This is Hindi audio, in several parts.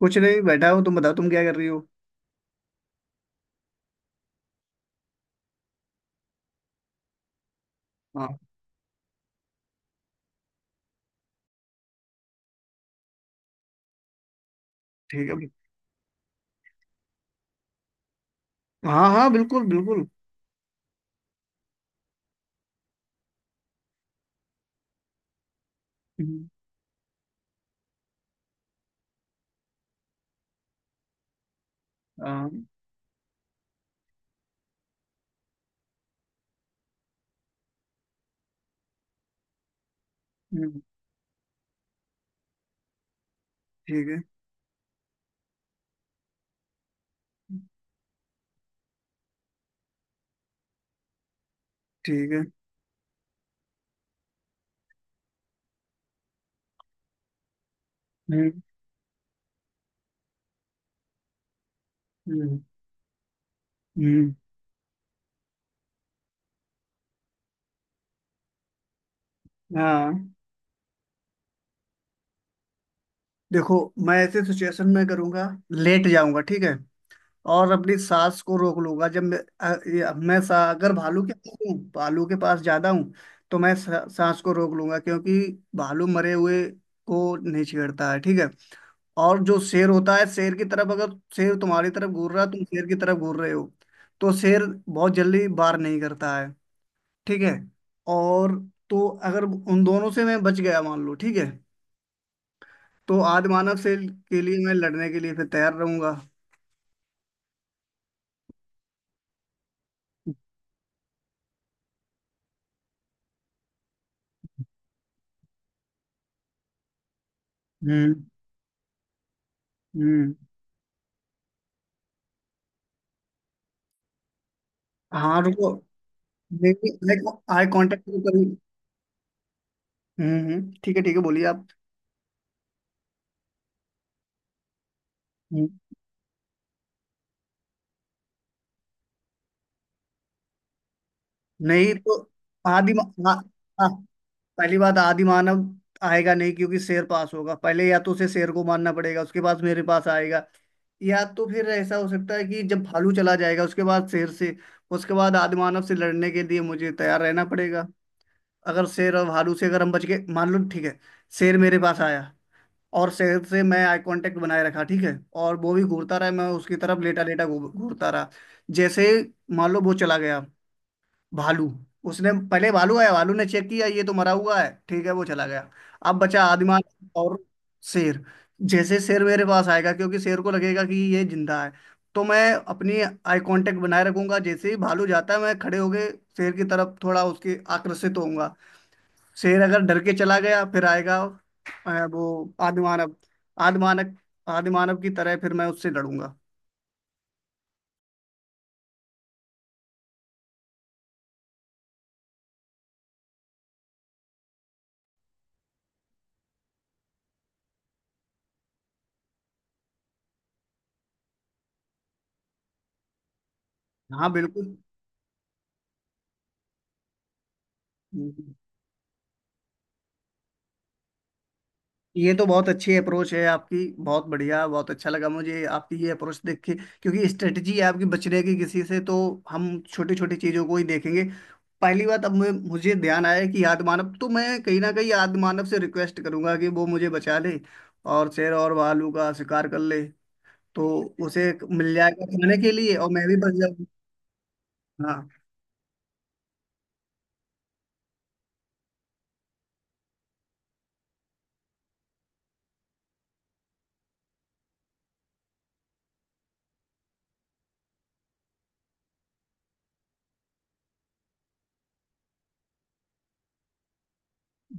कुछ नहीं, बैठा हूँ। तुम बताओ, तुम क्या कर रही हो? हाँ। ठीक है। हाँ, हाँ, बिल्कुल, बिल्कुल। हम्म। हाँ। हम्म, ठीक है। ठीक है। हम्म। हम्म। हम्म। हाँ। देखो, मैं ऐसे सिचुएशन में करूंगा, लेट जाऊंगा, ठीक है। और अपनी सांस को रोक लूंगा। जब मैं अगर भालू के पास ज्यादा हूँ, तो मैं सांस को रोक लूंगा। क्योंकि भालू मरे हुए को नहीं छेड़ता है, ठीक है। और जो शेर होता है, शेर की तरफ अगर शेर तुम्हारी तरफ घूर रहा है, तुम शेर की तरफ घूर रहे हो, तो शेर बहुत जल्दी वार नहीं करता है, ठीक है। और तो अगर उन दोनों से मैं बच गया, मान लो, ठीक है। तो आदि मानव से के लिए मैं लड़ने के लिए फिर तैयार रहूंगा। हम्म, हम्म। हाँ, रुको। देखिए, आई कांटेक्ट तो कभी। हम्म, ठीक है, ठीक है, बोलिए आप। हम्म। नहीं तो। आदि म- आ- आ- पहली बात, आदि मानव आएगा नहीं, क्योंकि शेर पास होगा। पहले या तो उसे शेर को मारना पड़ेगा, उसके बाद मेरे पास आएगा। या तो फिर ऐसा हो सकता है कि जब भालू चला जाएगा, उसके बाद शेर से, उसके बाद आदि मानव से लड़ने के लिए मुझे तैयार रहना पड़ेगा। अगर शेर और भालू से अगर हम बच गए, मान लो, ठीक है। शेर मेरे पास आया, और से मैं आई कांटेक्ट बनाए रखा, ठीक है। और वो भी घूरता रहा, मैं उसकी तरफ लेटा लेटा घूरता रहा। जैसे मान लो वो चला गया, भालू। उसने पहले भालू आया, भालू ने चेक किया ये तो मरा हुआ है, ठीक है, वो चला गया। अब बचा आदिमाल और शेर। जैसे शेर मेरे पास आएगा क्योंकि शेर को लगेगा कि ये जिंदा है। तो मैं अपनी आई कांटेक्ट बनाए रखूंगा, जैसे ही भालू जाता है मैं खड़े होके शेर की तरफ थोड़ा उसके आकर्षित होऊंगा। शेर अगर डर के चला गया, फिर आएगा। वो आदिमानव आदिमानव आदिमानव की तरह फिर मैं उससे लड़ूंगा। हाँ, बिल्कुल। ये तो बहुत अच्छी अप्रोच है आपकी, बहुत बढ़िया, बहुत अच्छा लगा मुझे आपकी ये अप्रोच देख के। क्योंकि स्ट्रेटजी है आपकी बचने की किसी से, तो हम छोटी छोटी चीजों को ही देखेंगे। पहली बात, अब मुझे ध्यान आया कि आदिमानव, तो मैं कहीं ना कहीं आदिमानव से रिक्वेस्ट करूंगा कि वो मुझे बचा ले, और शेर और भालू का शिकार कर ले। तो उसे मिल जाएगा खाने के लिए, और मैं भी बच। हाँ।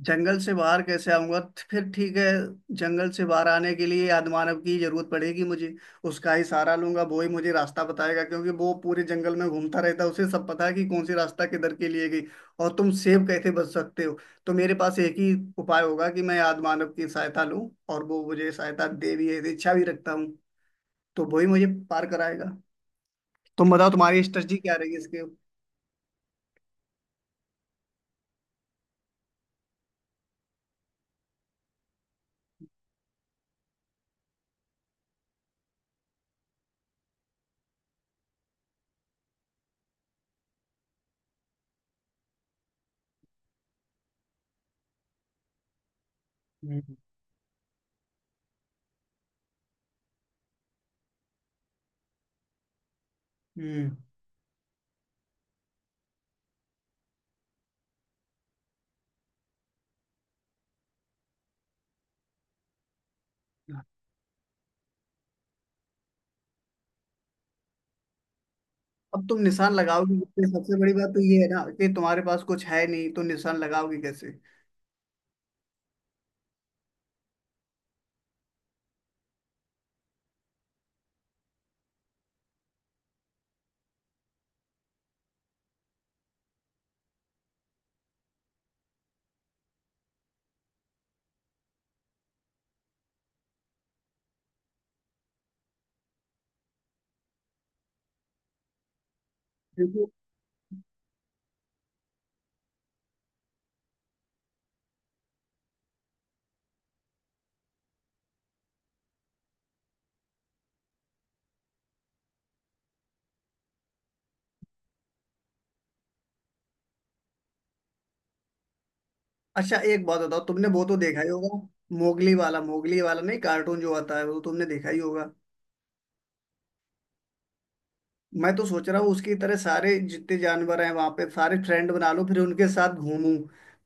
जंगल से बाहर कैसे आऊंगा? फिर ठीक है, जंगल से बाहर आने के लिए आदमानव की जरूरत पड़ेगी मुझे। उसका ही सहारा लूंगा, वो ही मुझे रास्ता बताएगा, क्योंकि वो पूरे जंगल में घूमता रहता है, उसे सब पता है कि कौन सी रास्ता किधर के लिए गई। और तुम सेब कैसे बच सकते हो? तो मेरे पास एक ही उपाय होगा कि मैं आदमानव की सहायता लूं, और वो मुझे सहायता दे भी है, इच्छा भी रखता हूँ। तो वो ही मुझे पार कराएगा। तुम बताओ तुम्हारी स्ट्रेटजी क्या रहेगी इसके। हम्म, हम्म। अब तुम निशान लगाओगे किससे? सबसे बड़ी बात तो ये है ना कि तुम्हारे पास कुछ है नहीं, तो निशान लगाओगे कैसे? क्योंकि अच्छा, एक बात बताओ, तुमने वो तो देखा ही होगा, मोगली वाला, मोगली वाला नहीं कार्टून जो आता है, वो तो तुमने देखा ही होगा। मैं तो सोच रहा हूँ उसकी तरह सारे जितने जानवर हैं वहां पे सारे फ्रेंड बना लूं, फिर उनके साथ घूमूं।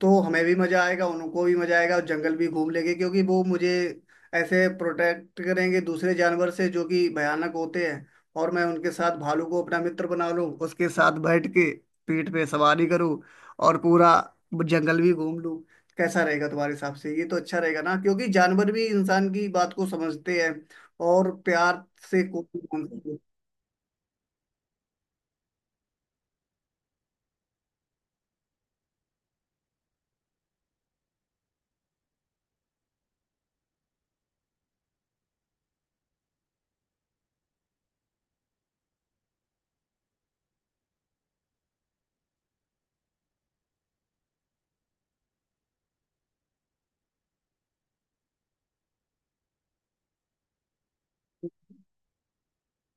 तो हमें भी मजा आएगा, उनको भी मजा आएगा, और जंगल भी घूम लेंगे। क्योंकि वो मुझे ऐसे प्रोटेक्ट करेंगे दूसरे जानवर से जो कि भयानक होते हैं। और मैं उनके साथ भालू को अपना मित्र बना लूं, उसके साथ बैठ के पीठ पे सवारी करूं, और पूरा जंगल भी घूम लूं। कैसा रहेगा तुम्हारे हिसाब से? ये तो अच्छा रहेगा ना, क्योंकि जानवर भी इंसान की बात को समझते हैं, और प्यार से कोई भी काम करते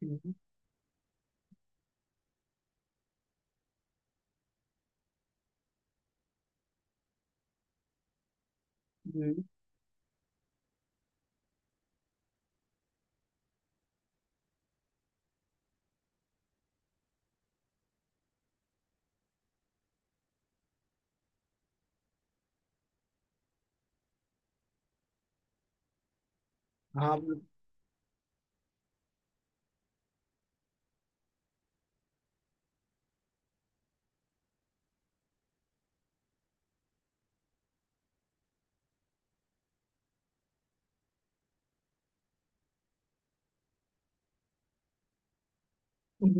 हैं। हम्म। हाँ,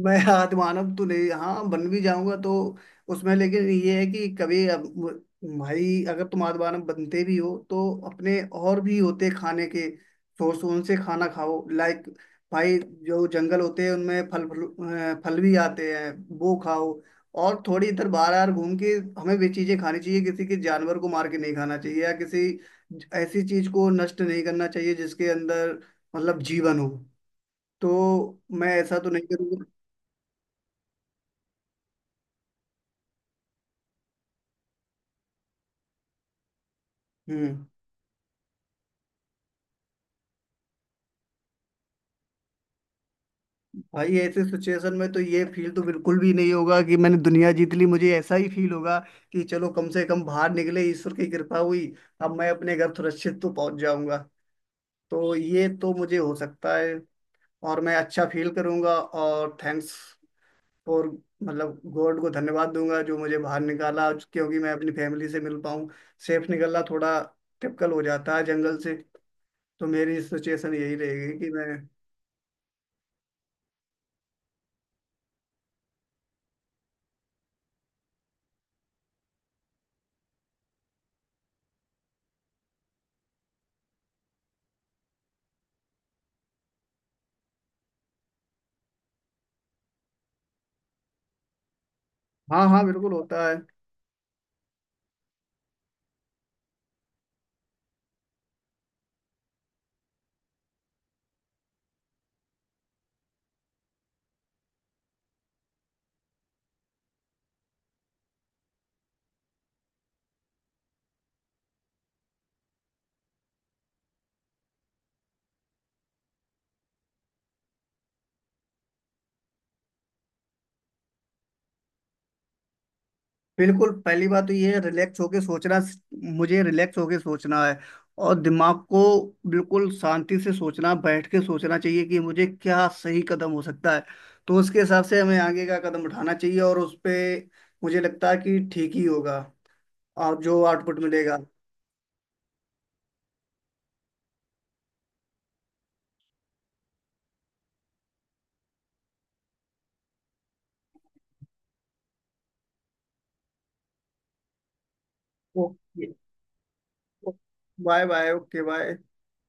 मैं आत्मानव तो नहीं, हाँ, बन भी जाऊंगा तो उसमें, लेकिन ये है कि कभी अब भाई अगर तुम आत्मानव बनते भी हो, तो अपने और भी होते खाने के सोर्स, उनसे खाना खाओ। लाइक भाई, जो जंगल होते हैं उनमें फल फल अ, फल भी आते हैं, वो खाओ। और थोड़ी इधर बाहर बाहर घूम के हमें वे चीजें खानी चाहिए, किसी के जानवर को मार के नहीं खाना चाहिए, या किसी ऐसी चीज को नष्ट नहीं करना चाहिए जिसके अंदर मतलब जीवन हो। तो मैं ऐसा तो नहीं करूंगा। हम्म। भाई, ऐसे सिचुएशन में तो ये फील तो बिल्कुल भी नहीं होगा कि मैंने दुनिया जीत ली। मुझे ऐसा ही फील होगा कि चलो कम से कम बाहर निकले, ईश्वर की कृपा हुई, अब मैं अपने घर सुरक्षित तो पहुंच जाऊंगा। तो ये तो मुझे हो सकता है, और मैं अच्छा फील करूंगा, और थैंक्स फॉर, मतलब गॉड को धन्यवाद दूंगा जो मुझे बाहर निकाला, क्योंकि मैं अपनी फैमिली से मिल पाऊँ। सेफ निकलना थोड़ा टिपिकल हो जाता है जंगल से। तो मेरी सिचुएशन यही रहेगी कि मैं। हाँ, हाँ, बिल्कुल होता है। बिल्कुल, पहली बात तो ये है रिलैक्स होके सोचना, मुझे रिलैक्स होके सोचना है। और दिमाग को बिल्कुल शांति से सोचना, बैठ के सोचना चाहिए कि मुझे क्या सही कदम हो सकता है। तो उसके हिसाब से हमें आगे का कदम उठाना चाहिए, और उस पे मुझे लगता है कि ठीक ही होगा, और जो आउटपुट मिलेगा। Okay, bye bye, okay, bye.